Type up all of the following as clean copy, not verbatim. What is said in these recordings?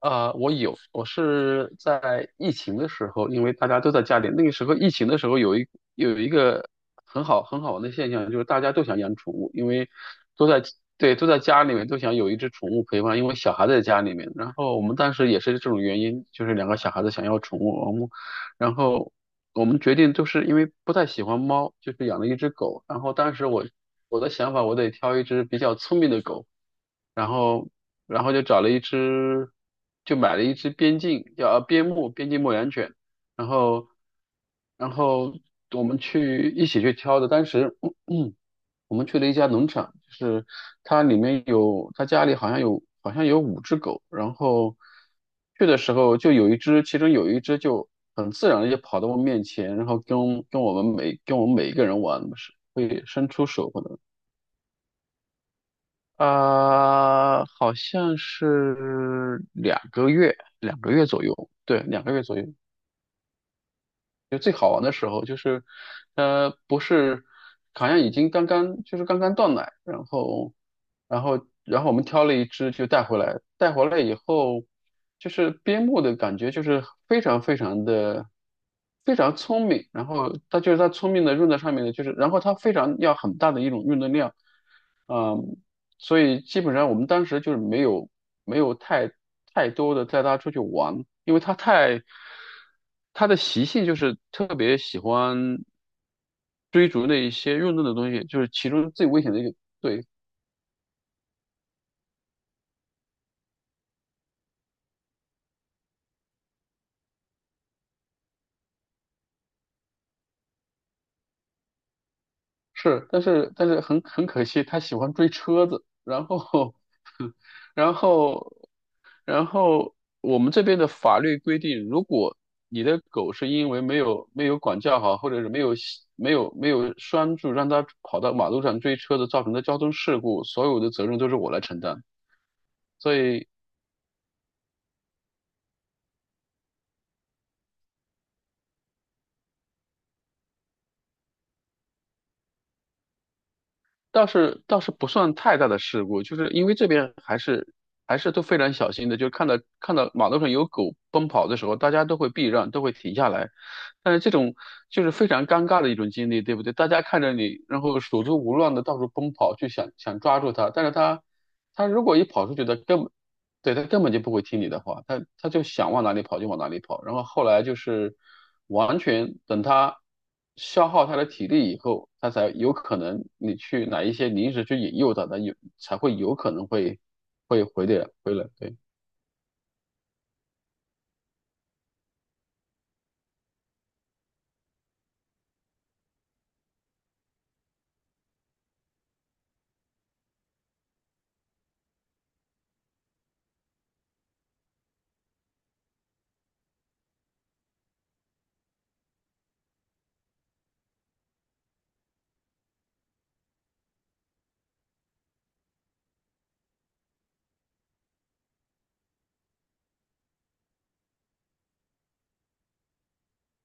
啊，我有，我是在疫情的时候，因为大家都在家里，那个时候疫情的时候有一个很好玩的现象，就是大家都想养宠物，因为都在对，都在家里面都想有一只宠物陪伴，因为小孩在家里面。然后我们当时也是这种原因，就是两个小孩子想要宠物，然后我们决定就是因为不太喜欢猫，就是养了一只狗。然后当时我的想法，我得挑一只比较聪明的狗。然后然后就找了一只，就买了一只边境牧羊犬，然后然后我们一起去挑的，当时 我们去了一家农场，就是它家里好像有五只狗，然后去的时候就有一只，其中有一只就很自然的就跑到我面前，然后跟我们每一个人玩，是会伸出手。好像是两个月，两个月左右，对，两个月左右。就最好玩的时候，就是，不是，好像已经刚刚就是刚刚断奶，然后我们挑了一只就带回来，带回来以后，就是边牧的感觉就是非常非常的非常聪明，然后它就是它聪明的用在上面的，就是然后它非常要很大的一种运动量。所以基本上我们当时就是没有太多的带他出去玩，因为他的习性就是特别喜欢追逐那一些运动的东西，就是其中最危险的一个。对。是，但是很可惜，他喜欢追车子，然后 然后然后我们这边的法律规定，如果你的狗是因为没有管教好，或者是没有系没有没有拴住，让它跑到马路上追车子造成的交通事故，所有的责任都是我来承担。所以倒是不算太大的事故，就是因为这边还是都非常小心的，就是看到马路上有狗奔跑的时候，大家都会避让，都会停下来。但是这种就是非常尴尬的一种经历，对不对？大家看着你，然后手足无乱的到处奔跑，去想想抓住它，但是它如果一跑出去它根本对，他根本就不会听你的话，他就想往哪里跑就往哪里跑，然后后来就是完全等他消耗他的体力以后，他才有可能你去哪一些你一直去引诱他，才会有可能会回来。对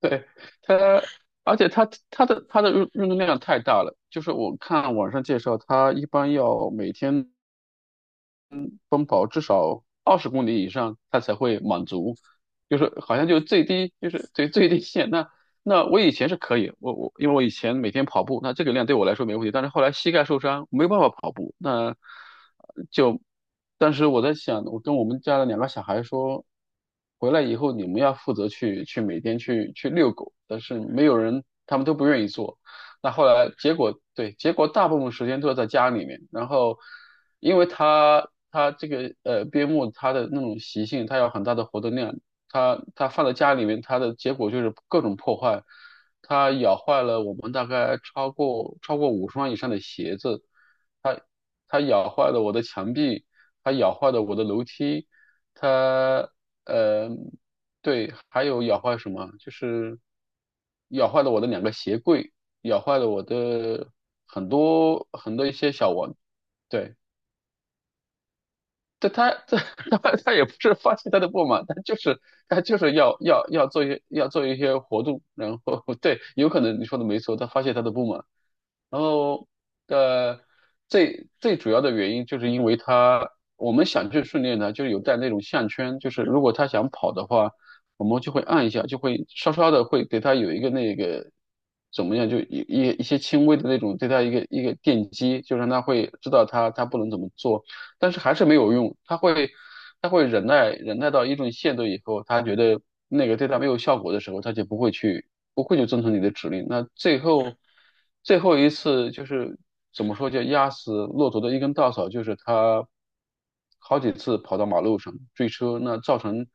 对，他而且他的运动量太大了，就是我看网上介绍，他一般要每天，奔跑至少20公里以上，它才会满足，就是好像就是最低限。那我以前是可以，我因为我以前每天跑步，那这个量对我来说没问题。但是后来膝盖受伤，没有办法跑步，就，但是我在想，我跟我们家的两个小孩说，回来以后你们要负责去每天去遛狗，但是没有人，他们都不愿意做。那后来结果对，结果大部分时间都是在家里面。然后，因为它这个边牧它的那种习性，它有很大的活动量，它放在家里面，它的结果就是各种破坏。它咬坏了我们大概超过五双以上的鞋子，它它咬坏了我的墙壁，它咬坏了我的楼梯，它呃，对，还有咬坏什么？就是咬坏了我的两个鞋柜，咬坏了我的很多很多一些小玩，对。这他这 他也不是发泄他的不满，他就是要做一些活动，然后 对，有可能你说的没错，他发泄他的不满。然后，呃，最主要的原因就是因为他，我们想去训练呢，就是有带那种项圈，就是如果他想跑的话，我们就会按一下，就会稍稍的会给他有一个那个怎么样，就一些轻微的那种对他一个一个电击，就让他会知道他不能怎么做，但是还是没有用，他会忍耐忍耐到一定限度以后，他觉得那个对他没有效果的时候，他就不会去，不会就遵从你的指令。那最后最后一次就是怎么说叫压死骆驼的一根稻草，就是他好几次跑到马路上追车，那造成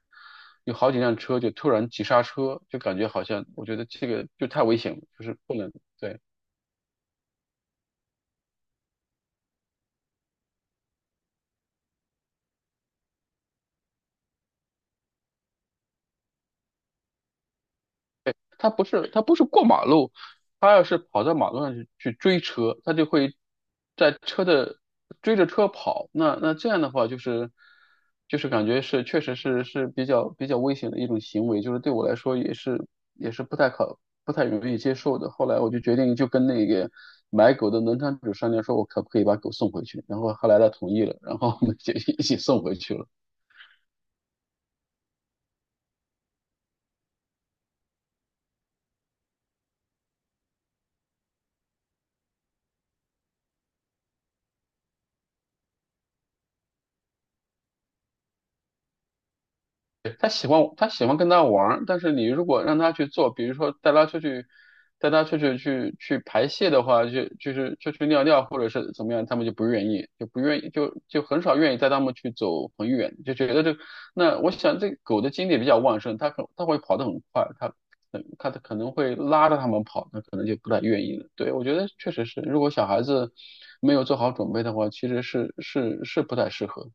有好几辆车就突然急刹车，就感觉好像我觉得这个就太危险了，就是不能对。他不是过马路，他要是跑到马路上去追车，他就会在车的追着车跑。那这样的话，就是感觉是确实是比较危险的一种行为，就是对我来说也是不太容易接受的。后来我就决定就跟那个买狗的农场主商量，说我可不可以把狗送回去，然后后来他同意了，然后我们就一起送回去了。对，他喜欢跟他玩儿，但是你如果让他去做，比如说带他出去，去排泄的话，就去尿尿或者是怎么样，他们就不愿意，就不愿意，就很少愿意带他们去走很远，就觉得这那我想这狗的精力比较旺盛，它会跑得很快，它可能会拉着他们跑，那可能就不太愿意了。对，我觉得确实是，如果小孩子没有做好准备的话，其实是不太适合。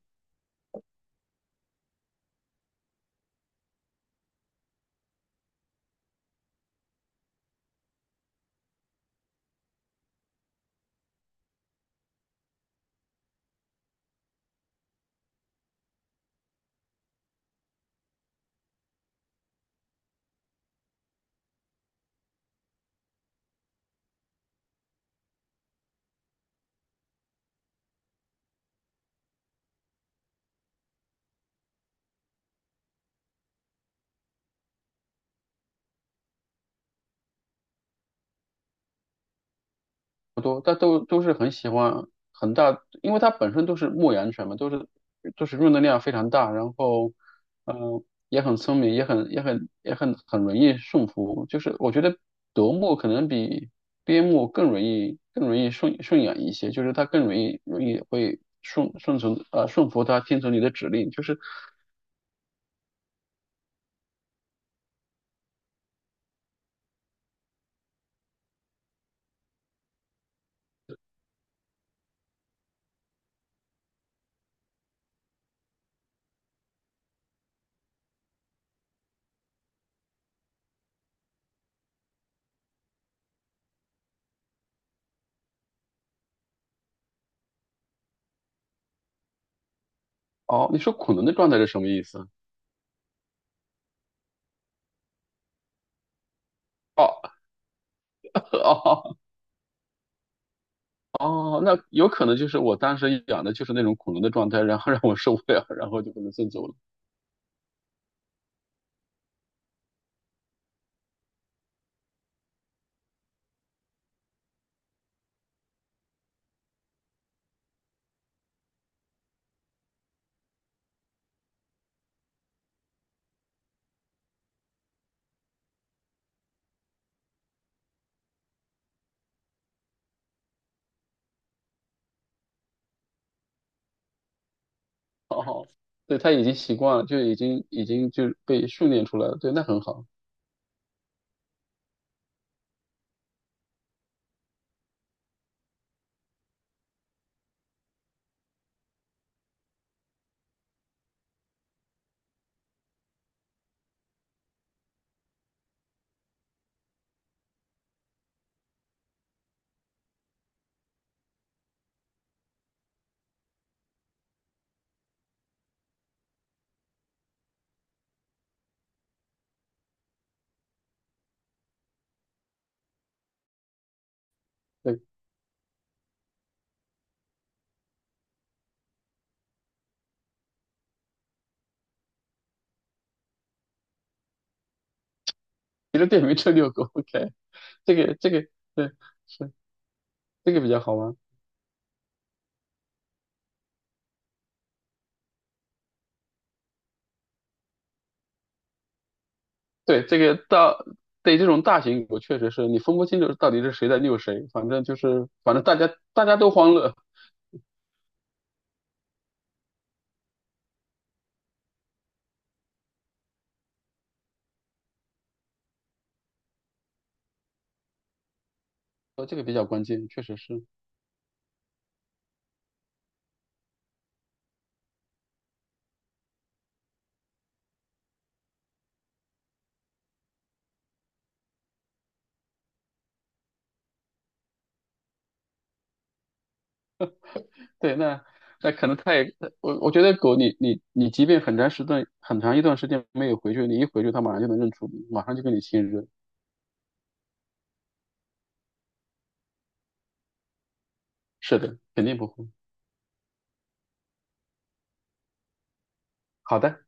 不多，但都是很喜欢很大，因为它本身都是牧羊犬嘛，都是运动量非常大，然后嗯，也很聪明，也很容易驯服。就是我觉得德牧可能比边牧更容易养一些，就是它更容易会顺服它，听从你的指令。哦，你说恐龙的状态是什么意思？哦 哦哦，那有可能就是我当时养的就是那种恐龙的状态，然后让我受不了，然后就把它送走了。哦，对，它已经习惯了，就已经就被训练出来了。对，那很好。对，骑着电瓶车遛狗 ，OK，这个这个对，是这个比较好玩。对，这个到对这种大型狗确实是你分不清楚到底是谁在遛谁，反正大家都欢乐，哦，这个比较关键，确实是。对，那可能他也，我觉得狗你，你即便很长一段时间没有回去，你一回去，它马上就能认出你，马上就跟你亲热。是的，肯定不会。好的。